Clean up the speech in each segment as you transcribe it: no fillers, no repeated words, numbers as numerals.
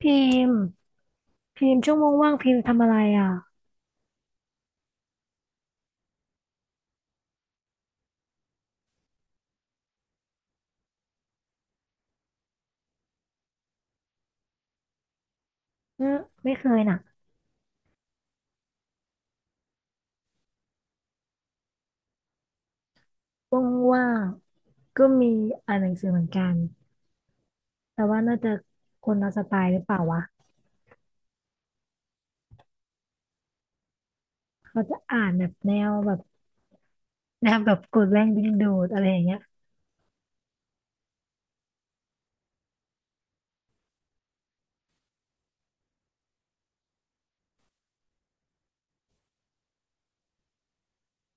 พิมพ์พิมพ์ช่วโมงว่างๆพิมพ์ทำอะไรอ่ะเออไม่เคยน่ะว่างๆก็มีอ่านหนังสือเหมือนกันแต่ว่าน่าจะคนละสไตล์หรือเปล่าวะเขาจะอ่านแบบแนวแบบแนวแบบกดแรงดึงดูดอะไรอย่างเงี้ย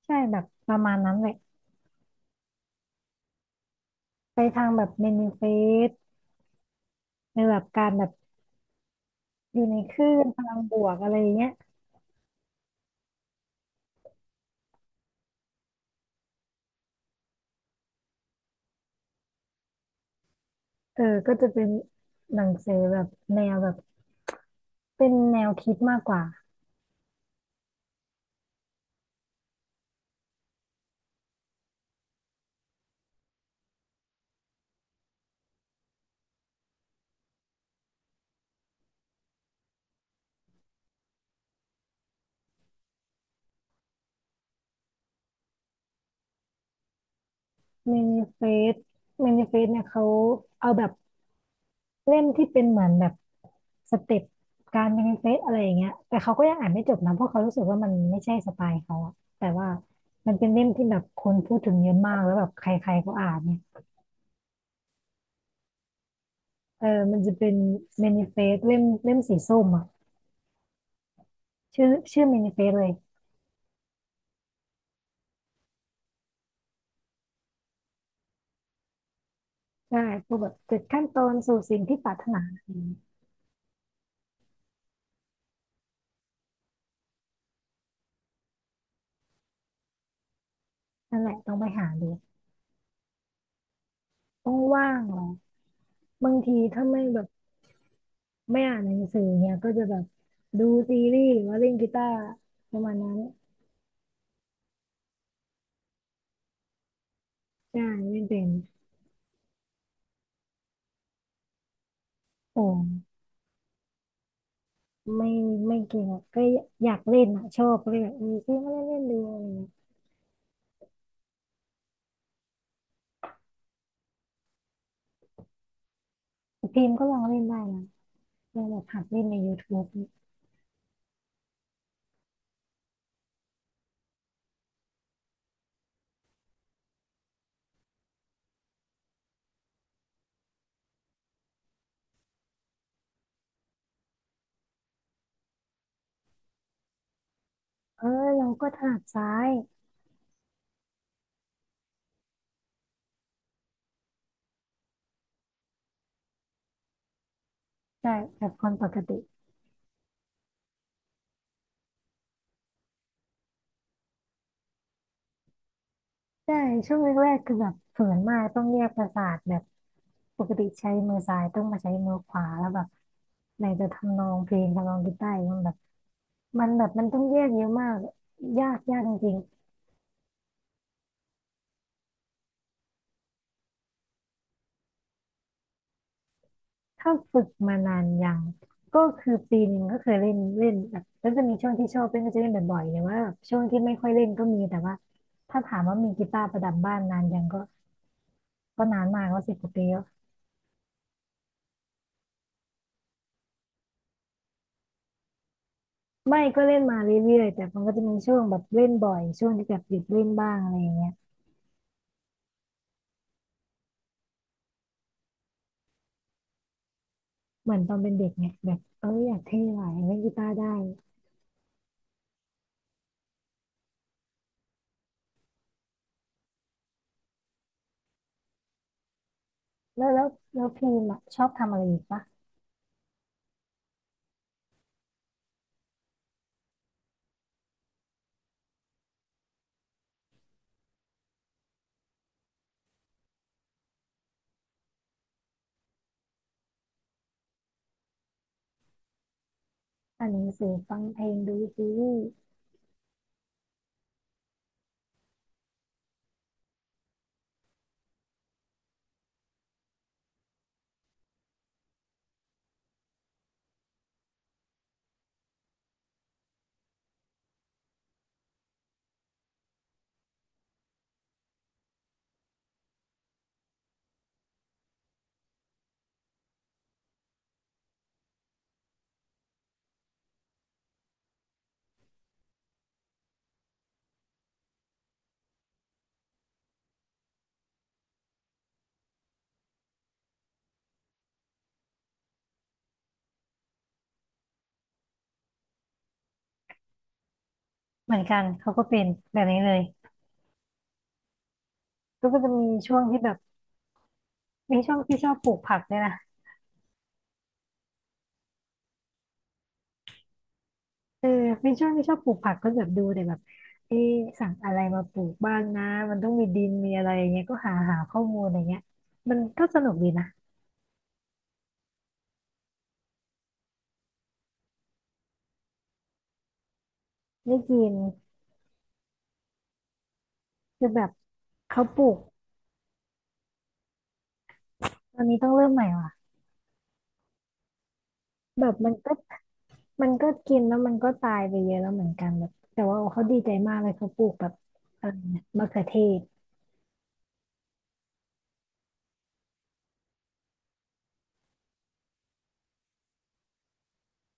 ใช่แบบประมาณนั้นแหละไปทางแบบเมนิเฟสในแบบการแบบอยู่ในคลื่นพลังบวกอะไรอย่างเงี้ยเออก็จะเป็นหนังสือแบบแนวแบบเป็นแนวคิดมากกว่าเมนิเฟสเมนิเฟสเนี่ยเขาเอาแบบ เล่มที่เป็นเหมือนแบบสเต็ปการเป็นเฟซอะไรอย่างเงี้ยแต่เขาก็ยังอ่านไม่จบนะเพราะเขารู้สึกว่ามันไม่ใช่สไตล์เขาอะแต่ว่ามันเป็นเล่มที่แบบคนพูดถึงเยอะมากแล้วแบบใครๆก็อ่านเนี่ยเออมันจะเป็นเมนิเฟสเล่มเล่มสีส้มอะชื่อชื่อเมนิเฟสเลยใช่พวกแบบเจุดขั้นตอนสู่สิ่งที่ปรารถนาอะไรอย่างเงี้ยนั่นแหละต้องไปหาดูต้องว่างเหรอบางทีถ้าไม่แบบไม่อ่านหนังสือเนี่ยก็จะแบบดูซีรีส์หรือว่าเล่นกีตาร์ประมาณนั้น ใช่ไม่เป็นโอ้ไม่ไม่เก่งอะก็อยากเล่นอ่ะชอบก็เลยแบบเออพี่ไมาเล่นเล่นดูอะไรเงี้ยแต่พิมพ์ก็ลองเล่นได้นะลองแบบหัดเล่นใน YouTube เนี่ยเออเราก็ถนัดซ้ายใช่แบบคนปกติใช่ช่วงแรกๆคือแบบฝืนมากต้องแยกประสาทแบบปกติใช้มือซ้ายต้องมาใช้มือขวาแล้วแบบไหนจะทำนองเพลงทำนองกีตาร์อีกมันแบบมันต้องแยกเยอะมากยากยากจริง ถ้าฝึกมานานยังก็คือปีหนึ่งก็เคยเล่นเล่นแบบก็จะมีช่วงที่ชอบเล่นก็จะเล่นบ่อยๆหรว่าช่วงที่ไม่ค่อยเล่นก็มีแต่ว่าถ้าถามว่ามีกีตาร์ประดับบ้านนานยังก็นานมากก็สิบกว่าปีแล้วไม่ก็เล่นมาเรื่อยๆแต่มันก็จะมีช่วงแบบเล่นบ่อยช่วงที่แบบหยุดเล่นบ้างอะไรอย่างเงี้ยเหมือนตอนเป็นเด็กเนี่ยแบบเอออยากเท่หน่อยเล่นกีตาร์ได้แล้วแล้วแล้วพีมอะชอบทำอะไรอีกปะอ่านหนังสือฟังเพลงดูซีรีส์เหมือนกันเขาก็เป็นแบบนี้เลยก็จะมีช่วงที่แบบ ไม่ชอบไม่ชอบปลูกผักเลยนะเออไม่ชอบไม่ชอบปลูกผักก็แบบดูแต่แบบเอ๊ะสั่งอะไรมาปลูกบ้างนะมันต้องมีดินมีอะไรอย่างเงี้ยก็หาหาข้อมูลอะไรเงี้ยมันก็สนุกดีนะได้กินคือแบบเขาปลูกตอนนี้ต้องเริ่มใหม่ว่ะแบบมันก็กินแล้วมันก็ตายไปเยอะแล้วเหมือนกันแบบแต่ว่าเขาดีใจมากเลยเขาปลูกแบบอะไรนะมะเขือเทศ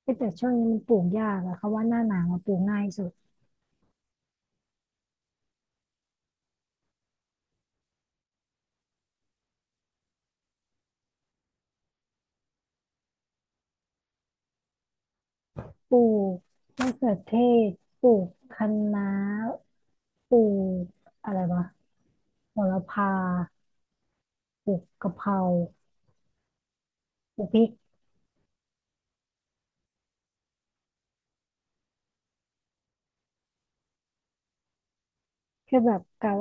เอ้ยแต่ช่วงนี้มันปลูกยากอะเขาว่าหน้าหนาวมาปลูกง่ายสุดปลูกมะเขือเทศปลูกคะน้า ปลูกอะไรวะโหระพาปลูกกะเพราปลูกพริกคือแบบเก่า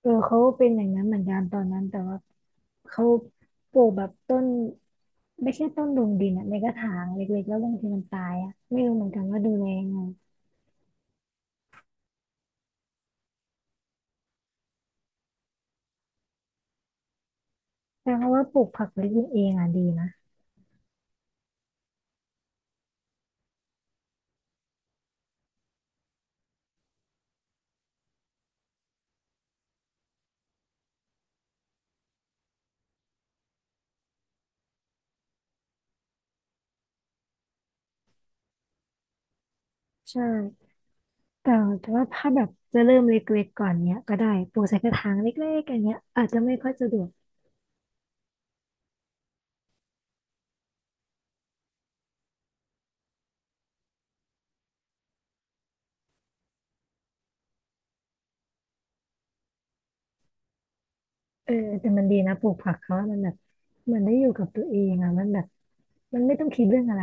เออเขาเป็นอย่างนั้นเหมือนกันตอนนั้นแต่ว่าเขาปลูกแบบต้นไม่ใช่ต้นลงดินอะในกระถางเล็กๆแล้วบางทีมันตายอะไม่รู้เหมือนกันว่าดูแลยังไงแต่เพราะว่าปลูกผักเล็กๆเองอ่ะดีนะใช่แต่แต่ว่าถ้าแบบจะเริ่มเล็กๆก่อนเนี้ยก็ได้ปลูกใส่กระถางเล็กๆอย่างเงี้ยอาจจะไม่ค่อยสะดวก เออแต่มันดีนะปลูกผักเขาอะมันแบบเหมันได้อยู่กับตัวเองอ่ะมันแบบมันไม่ต้องคิดเรื่องอะไร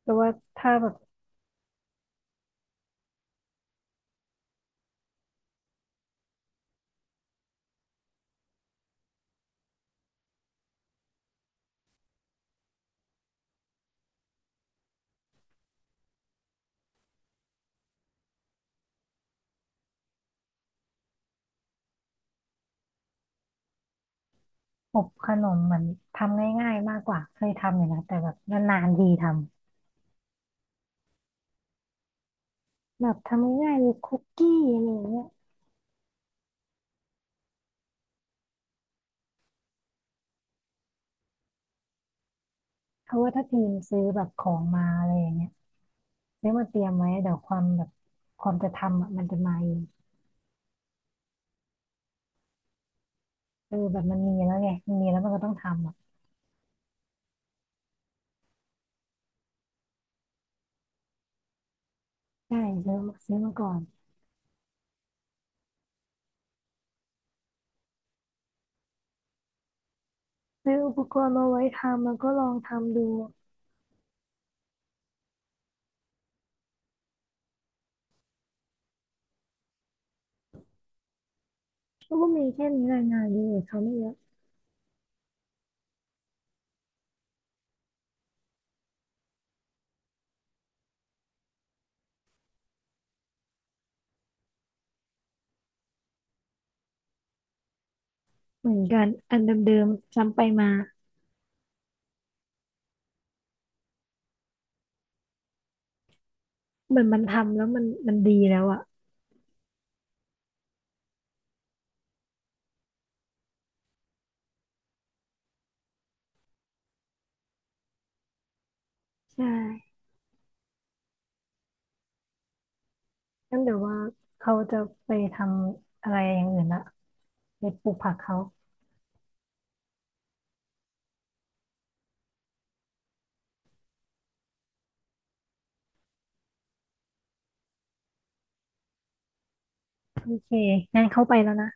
เพราะว่าถ้าแบบอบขนมมันทำง่ายๆมากกว่าเคยทำอยู่นะแต่แบบนานๆทีทำแบบทำง่ายๆเลยคุกกี้อะไรอย่างเงี้ยเพราะว่าถ้าทีมซื้อแบบของมาอะไรอย่างเงี้ยซื้อมาเตรียมไว้เดี๋ยวความแบบความจะทำอ่ะมันจะมาเองเออแบบมันมีแล้วไงมันมีแล้วมันก็ต้องทำอ่ะใช่ซื้อมาก่อนซื้ออุปกรณ์มาไว้ทำแล้วก็ลองทำดู ก็มีแค่นี้รายงานเยอะเขาไม่เยอะเหมือนกันอันเดิมๆซ้ำไปมาเหมือนมันทำแล้วมันดีแล้วอ่ะใช่งั้นเดี๋ยวว่าเขาจะไปทำอะไรอย่างอื่นละไปปลูกผักเขาโอเคงั้นเข้าไปแล้วนะ